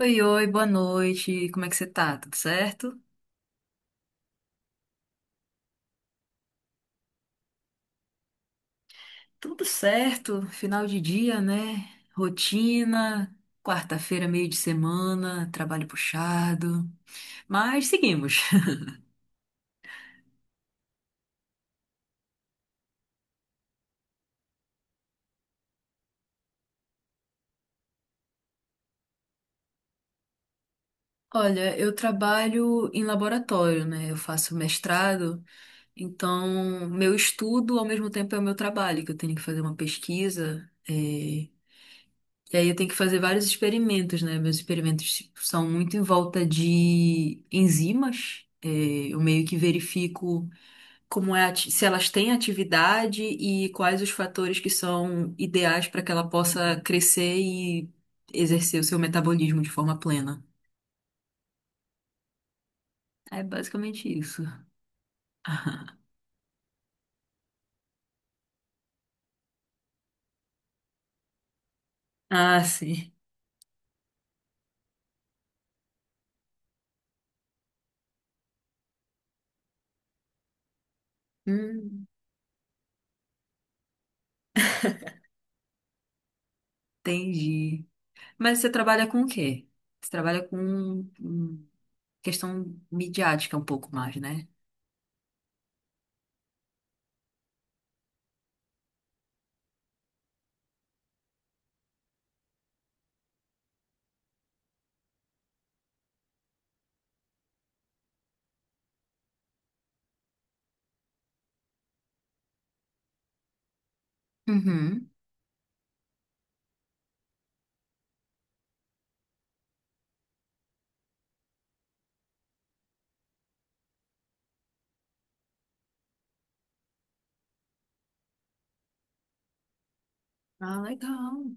Oi, oi, boa noite. Como é que você tá? Tudo certo? Tudo certo. Final de dia, né? Rotina, quarta-feira, meio de semana, trabalho puxado. Mas seguimos. Olha, eu trabalho em laboratório, né? Eu faço mestrado, então meu estudo ao mesmo tempo é o meu trabalho, que eu tenho que fazer uma pesquisa. E aí eu tenho que fazer vários experimentos, né? Meus experimentos tipo, são muito em volta de enzimas. É, eu meio que verifico como é, se elas têm atividade e quais os fatores que são ideais para que ela possa crescer e exercer o seu metabolismo de forma plena. É basicamente isso. Ah, sim. Hum, Entendi. Mas você trabalha com o quê? Você trabalha com questão midiática um pouco mais, né? Uhum. Ah, legal.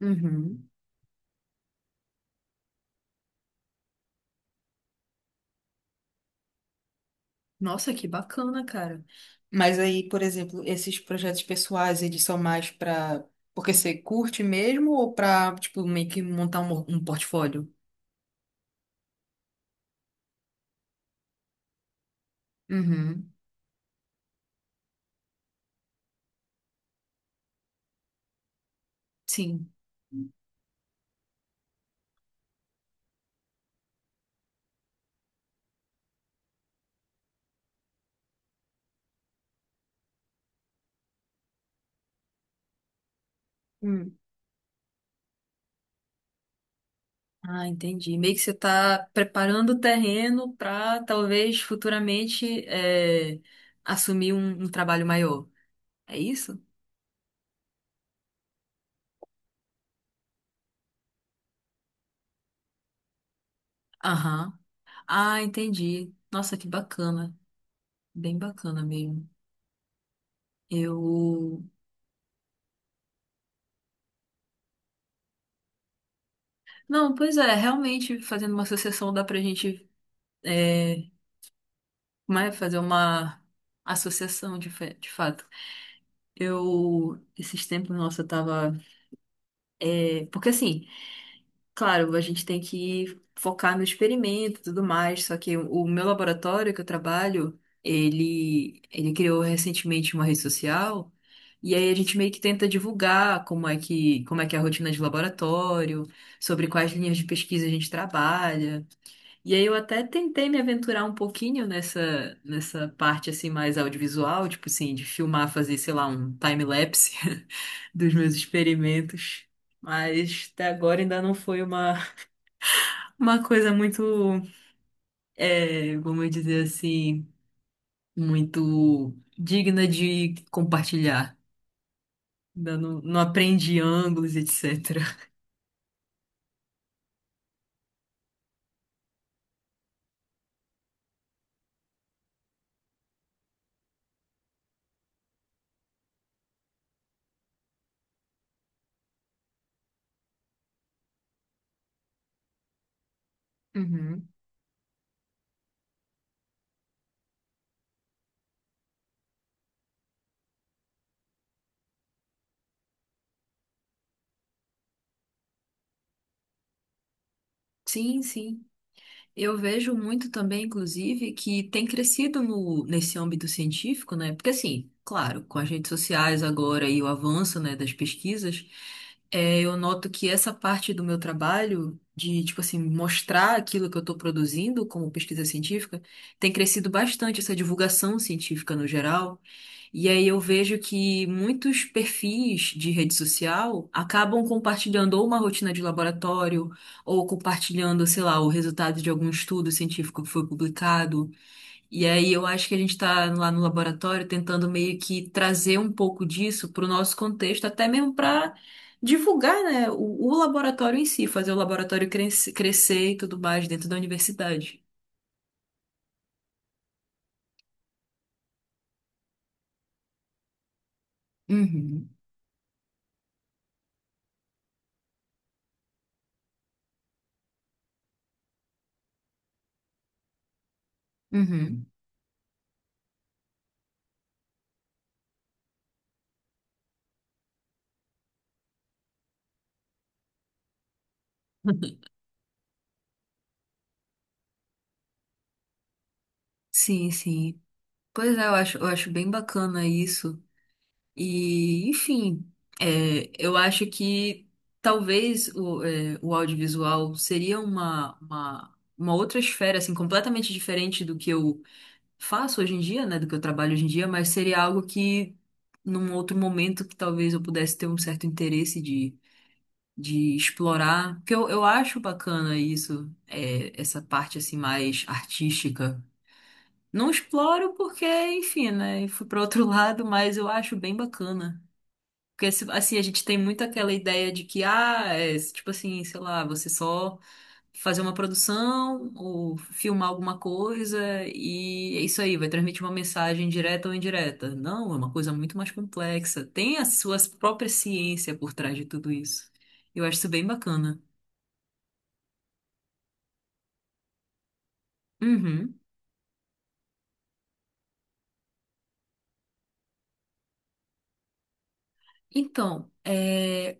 Uhum. Nossa, que bacana, cara. Mas aí, por exemplo, esses projetos pessoais, eles são mais para porque você curte mesmo ou para, tipo, meio que montar um portfólio? Uhum. Sim. Hum. Ah, entendi. Meio que você está preparando o terreno para talvez futuramente assumir um trabalho maior. É isso? Aham. Ah, entendi. Nossa, que bacana. Bem bacana mesmo. Eu Não, pois é, realmente fazendo uma associação dá pra gente é, como é, fazer uma associação de, de fato. Eu, esses tempos, nossa, eu tava. Porque assim, claro, a gente tem que focar no experimento e tudo mais, só que o meu laboratório que eu trabalho, ele criou recentemente uma rede social. E aí a gente meio que tenta divulgar como é que é a rotina de laboratório, sobre quais linhas de pesquisa a gente trabalha. E aí eu até tentei me aventurar um pouquinho nessa parte assim mais audiovisual, tipo assim, de filmar, fazer, sei lá, um time-lapse dos meus experimentos. Mas até agora ainda não foi uma coisa muito, vamos dizer assim, muito digna de compartilhar. Ainda não, não aprendi ângulos, etc. Uhum. Sim, sim. Eu vejo muito também, inclusive, que tem crescido no, nesse âmbito científico, né? Porque, assim, claro, com as redes sociais agora e o avanço, né, das pesquisas, eu noto que essa parte do meu trabalho, de, tipo assim, mostrar aquilo que eu estou produzindo como pesquisa científica, tem crescido bastante, essa divulgação científica no geral. E aí eu vejo que muitos perfis de rede social acabam compartilhando ou uma rotina de laboratório, ou compartilhando, sei lá, o resultado de algum estudo científico que foi publicado. E aí eu acho que a gente está lá no laboratório tentando meio que trazer um pouco disso para o nosso contexto, até mesmo para divulgar, né, o laboratório em si, fazer o laboratório crescer, crescer e tudo mais dentro da universidade. Uhum, uhum. Sim, sim. Pois é, eu acho bem bacana isso. E, enfim, eu acho que talvez o audiovisual seria uma outra esfera, assim, completamente diferente do que eu faço hoje em dia, né, do que eu trabalho hoje em dia, mas seria algo que, num outro momento, que talvez eu pudesse ter um certo interesse de explorar, porque eu acho bacana isso, essa parte, assim, mais artística. Não exploro porque, enfim, né, fui para outro lado, mas eu acho bem bacana. Porque, assim, a gente tem muito aquela ideia de que, ah, tipo assim, sei lá, você só fazer uma produção ou filmar alguma coisa e é isso aí, vai transmitir uma mensagem direta ou indireta. Não, é uma coisa muito mais complexa. Tem a sua própria ciência por trás de tudo isso. Eu acho isso bem bacana. Uhum. Então,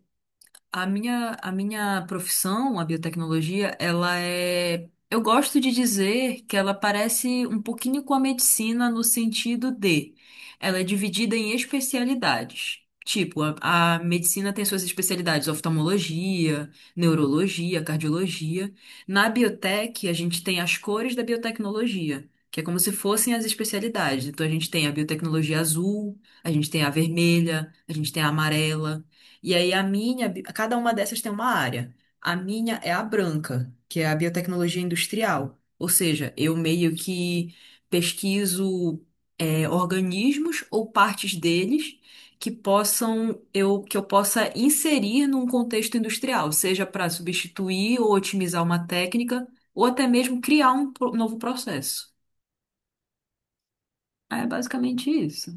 a minha, profissão, a biotecnologia, ela é. Eu gosto de dizer que ela parece um pouquinho com a medicina no sentido de ela é dividida em especialidades. Tipo, a medicina tem suas especialidades, oftalmologia, neurologia, cardiologia. Na biotech, a gente tem as cores da biotecnologia, que é como se fossem as especialidades. Então, a gente tem a biotecnologia azul, a gente tem a vermelha, a gente tem a amarela. E aí cada uma dessas tem uma área. A minha é a branca, que é a biotecnologia industrial. Ou seja, eu meio que pesquiso organismos ou partes deles que eu possa inserir num contexto industrial, seja para substituir ou otimizar uma técnica, ou até mesmo criar um novo processo. É basicamente isso.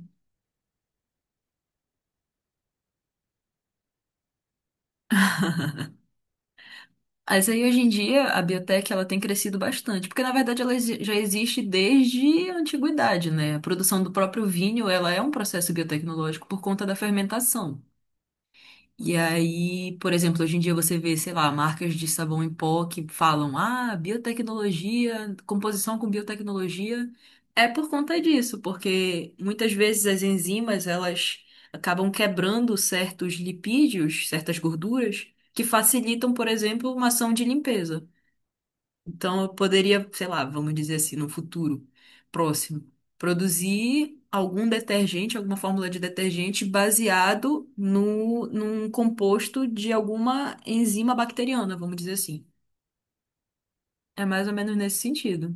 Mas aí hoje em dia a biotech ela tem crescido bastante, porque na verdade ela já existe desde a antiguidade, né? A produção do próprio vinho, ela é um processo biotecnológico por conta da fermentação. E aí, por exemplo, hoje em dia você vê, sei lá, marcas de sabão em pó que falam: "Ah, biotecnologia, composição com biotecnologia". É por conta disso, porque muitas vezes as enzimas, elas acabam quebrando certos lipídios, certas gorduras que facilitam, por exemplo, uma ação de limpeza. Então, eu poderia, sei lá, vamos dizer assim, no futuro próximo, produzir algum detergente, alguma fórmula de detergente baseado no, num composto de alguma enzima bacteriana, vamos dizer assim. É mais ou menos nesse sentido.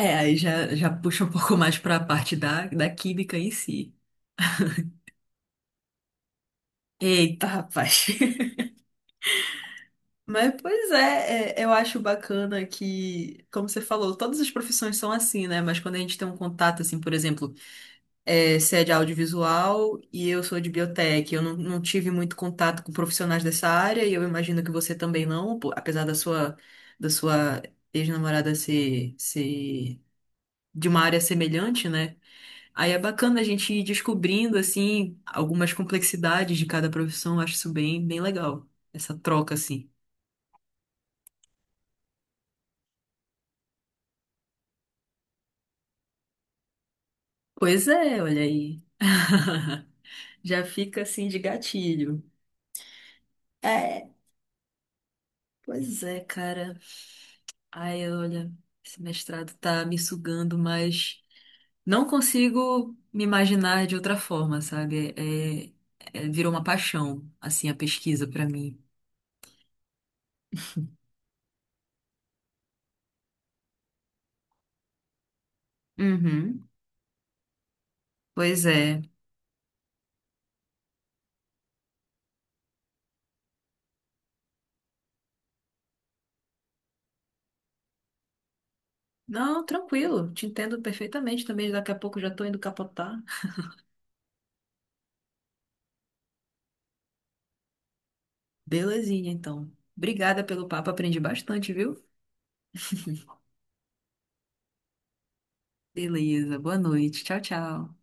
É, aí já, já puxa um pouco mais para a parte da química em si. Eita, rapaz. Mas, pois é, eu acho bacana que, como você falou, todas as profissões são assim, né? Mas quando a gente tem um contato, assim, por exemplo, se é audiovisual e eu sou de biotech. Eu não, não tive muito contato com profissionais dessa área e eu imagino que você também não, pô, apesar da sua, ex-namorada ser de uma área semelhante, né? Aí é bacana a gente ir descobrindo, assim, algumas complexidades de cada profissão. Eu acho isso bem, bem legal, essa troca, assim. Pois é, olha aí. Já fica assim de gatilho. É, pois é, cara. Ai, olha, esse mestrado tá me sugando, mas não consigo me imaginar de outra forma, sabe? Virou uma paixão, assim, a pesquisa pra mim. Uhum. Pois é. Não, tranquilo, te entendo perfeitamente também. Daqui a pouco já tô indo capotar. Belezinha, então. Obrigada pelo papo, aprendi bastante, viu? Beleza, boa noite. Tchau, tchau.